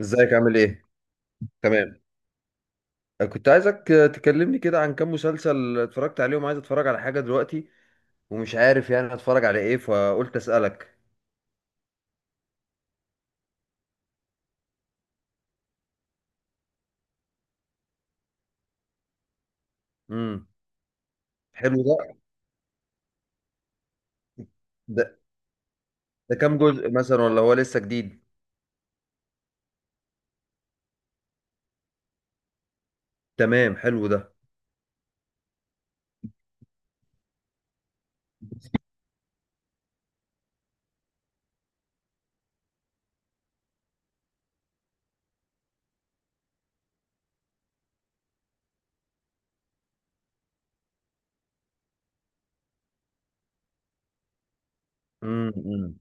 ازيك عامل ايه؟ تمام. كنت عايزك تكلمني كده عن كام مسلسل اتفرجت عليهم، عايز اتفرج على حاجة دلوقتي ومش عارف يعني اتفرج على ايه، فقلت اسألك. امم. حلو ده. ده ده كام جزء مثلا ولا هو لسه جديد؟ تمام، حلو ده. امم، امم.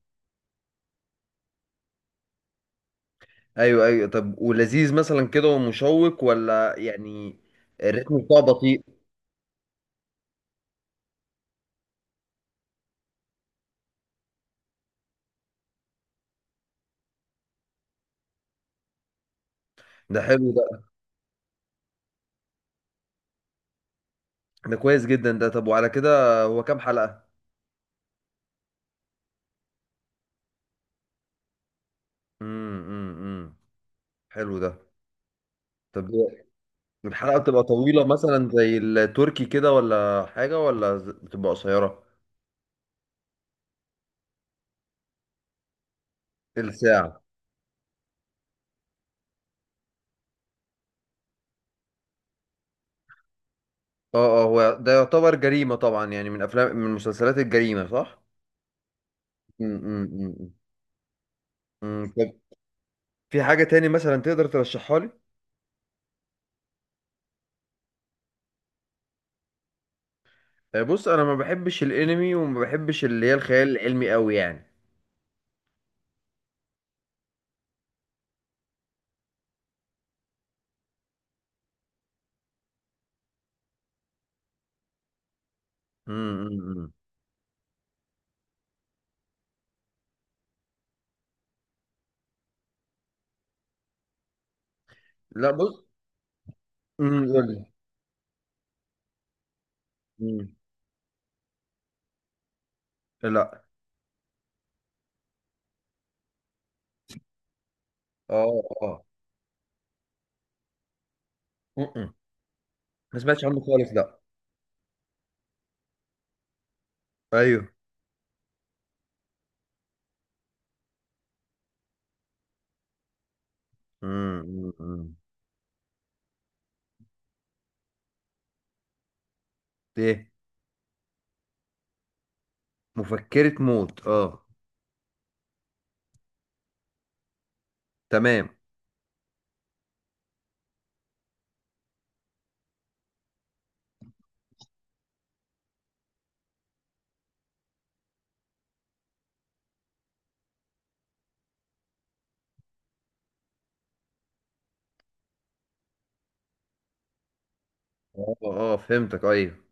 ايوه، ايوه، طب ولذيذ مثلا كده ومشوق، ولا يعني الريتم بتاعه بطيء؟ ده حلو ده كويس جدا. ده، طب وعلى كده هو كام حلقة؟ امم، امم، امم. حلو ده. طب، الحلقة بتبقى طويلة مثلا زي التركي كده ولا حاجة، ولا بتبقى قصيرة؟ الساعة. اه، اه، هو ده يعتبر جريمة طبعا، يعني من أفلام، من مسلسلات الجريمة، صح؟ امم. طب، في حاجة تاني مثلا تقدر ترشحها لي؟ بص، أنا ما بحبش الأنمي وما بحبش اللي هي الخيال العلمي أوي يعني. امم. لا، بص. امم، قول لي. مم. لا. اه، اه. مم. ما سمعتش عنه خالص، لا. ايوه. امم. ايه؟ مفكرة موت، اه. تمام. اه، اه، فهمتك، ايوه.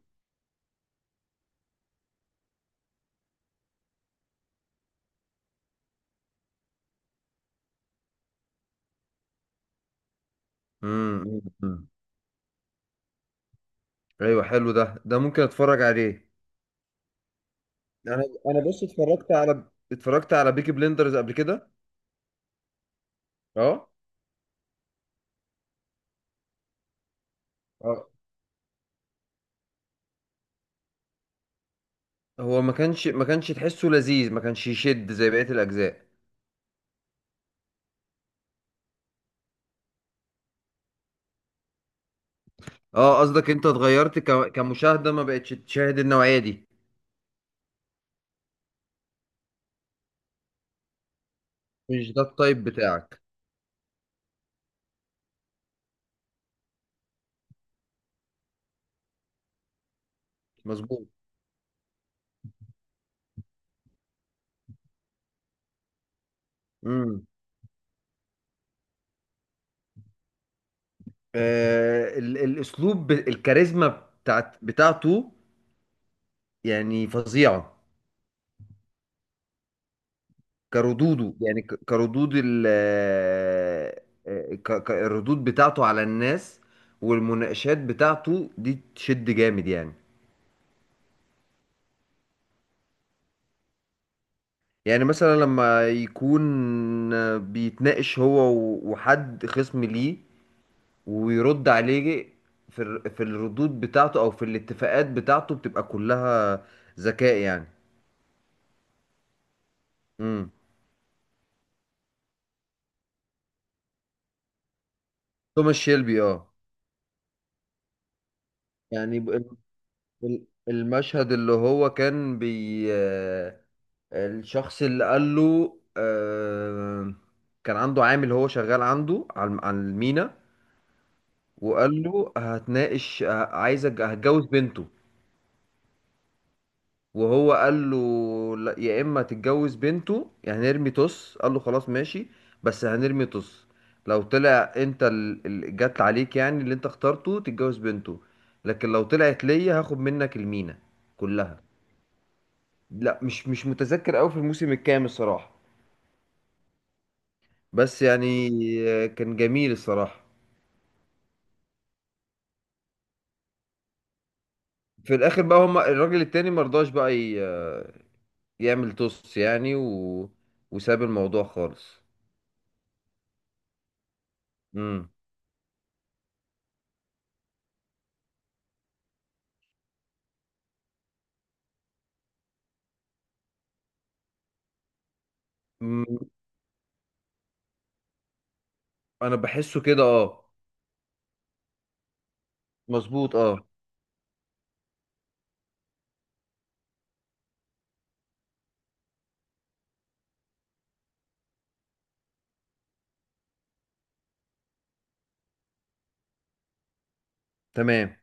امم، أمم، أمم. ايوه، حلو ده ممكن اتفرج عليه. انا انا بص، اتفرجت على بيكي بليندرز قبل كده. اه، اه، هو ما كانش تحسه لذيذ، ما كانش يشد زي بقية الاجزاء؟ اه، قصدك انت اتغيرت كمشاهدة، ما بقتش تشاهد النوعية دي؟ مش ده التايب بتاعك. مظبوط. امم. الاسلوب الكاريزما بتاعته يعني فظيعة. كردوده يعني، كردود ال آه، آه، ك- ك- الردود بتاعته على الناس، والمناقشات بتاعته دي تشد جامد يعني. يعني مثلا لما يكون بيتناقش هو وحد خصم ليه، ويرد عليه، في الردود بتاعته او في الاتفاقات بتاعته، بتبقى كلها ذكاء يعني. امم. توماس شيلبي، اه. يعني المشهد اللي هو كان بي آه، الشخص اللي قال له كان عنده عامل، هو شغال عنده على المينا. وقال له هتناقش، عايز هتجوز بنته. وهو قال له: لا، يا اما تتجوز بنته، يعني هنرمي طص، قال له خلاص ماشي، بس هنرمي طص، لو طلع انت اللي جت عليك، يعني اللي انت اخترته تتجوز بنته، لكن لو طلعت ليا هاخد منك المينا كلها. لا، مش متذكر قوي في الموسم الكام الصراحة، بس يعني كان جميل الصراحة. في الاخر بقى، هم الراجل التاني مرضاش بقى ي... آه، يعمل توس يعني وساب الموضوع خالص. امم، أمم. انا بحسه كده، اه. مظبوط، اه. تمام.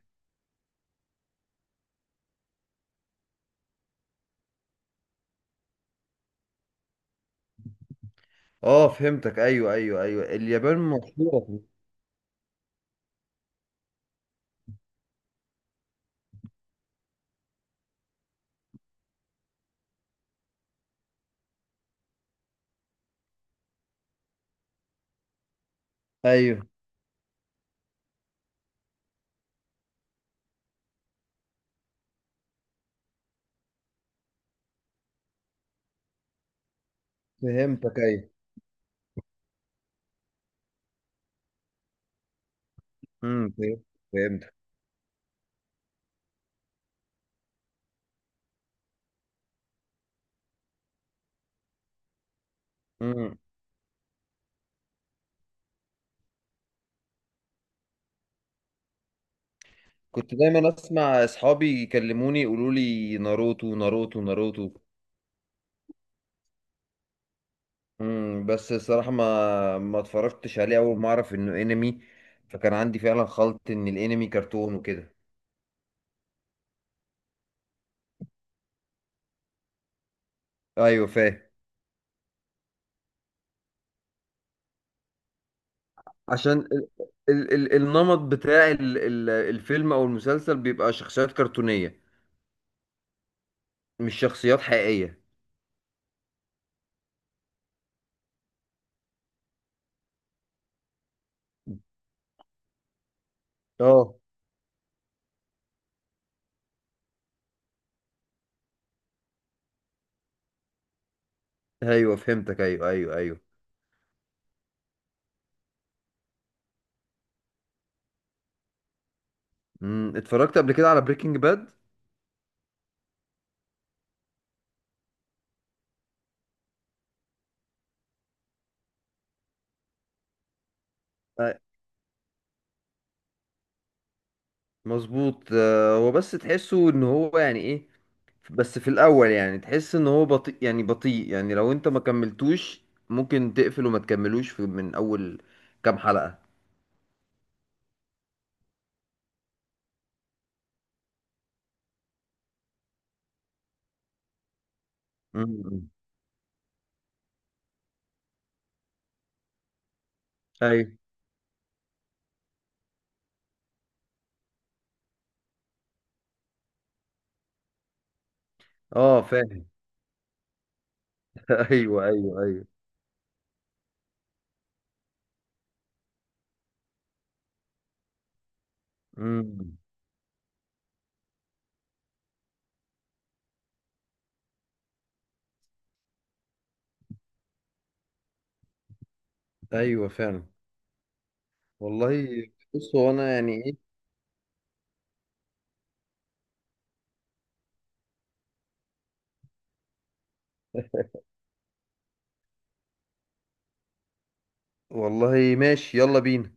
اه، فهمتك، ايوه، ايوه، ايوه، اليابان مشهورة. ايوه، فهمتك، ايوه. امم، فهمتك. امم. كنت دايما اسمع اصحابي يكلموني، يقولوا لي ناروتو ناروتو ناروتو. امم، بس الصراحة ما اتفرجتش عليه أول ما أعرف إنه أنمي، فكان عندي فعلا خلط إن الأنمي كرتون وكده. أيوه، فاهم. عشان ال ال ال النمط بتاع ال ال الفيلم او المسلسل بيبقى شخصيات كرتونية، مش شخصيات حقيقية. اه، ايوه، فهمتك، ايوه، ايوه، ايوه. امم، اتفرجت قبل كده على بريكنج باد. أي- مظبوط، هو بس تحسه ان هو يعني ايه، بس في الاول يعني تحس ان هو بطيء، يعني بطيء، يعني لو انت ما كملتوش، ممكن تقفل وما تكملوش في من اول كام حلقة. امم. ايوه، اه، فاهم. ايوه، ايوه، ايوه. امم، ايوه فعلا، والله. بص، هو انا يعني ايه. والله، ماشي، يلا بينا.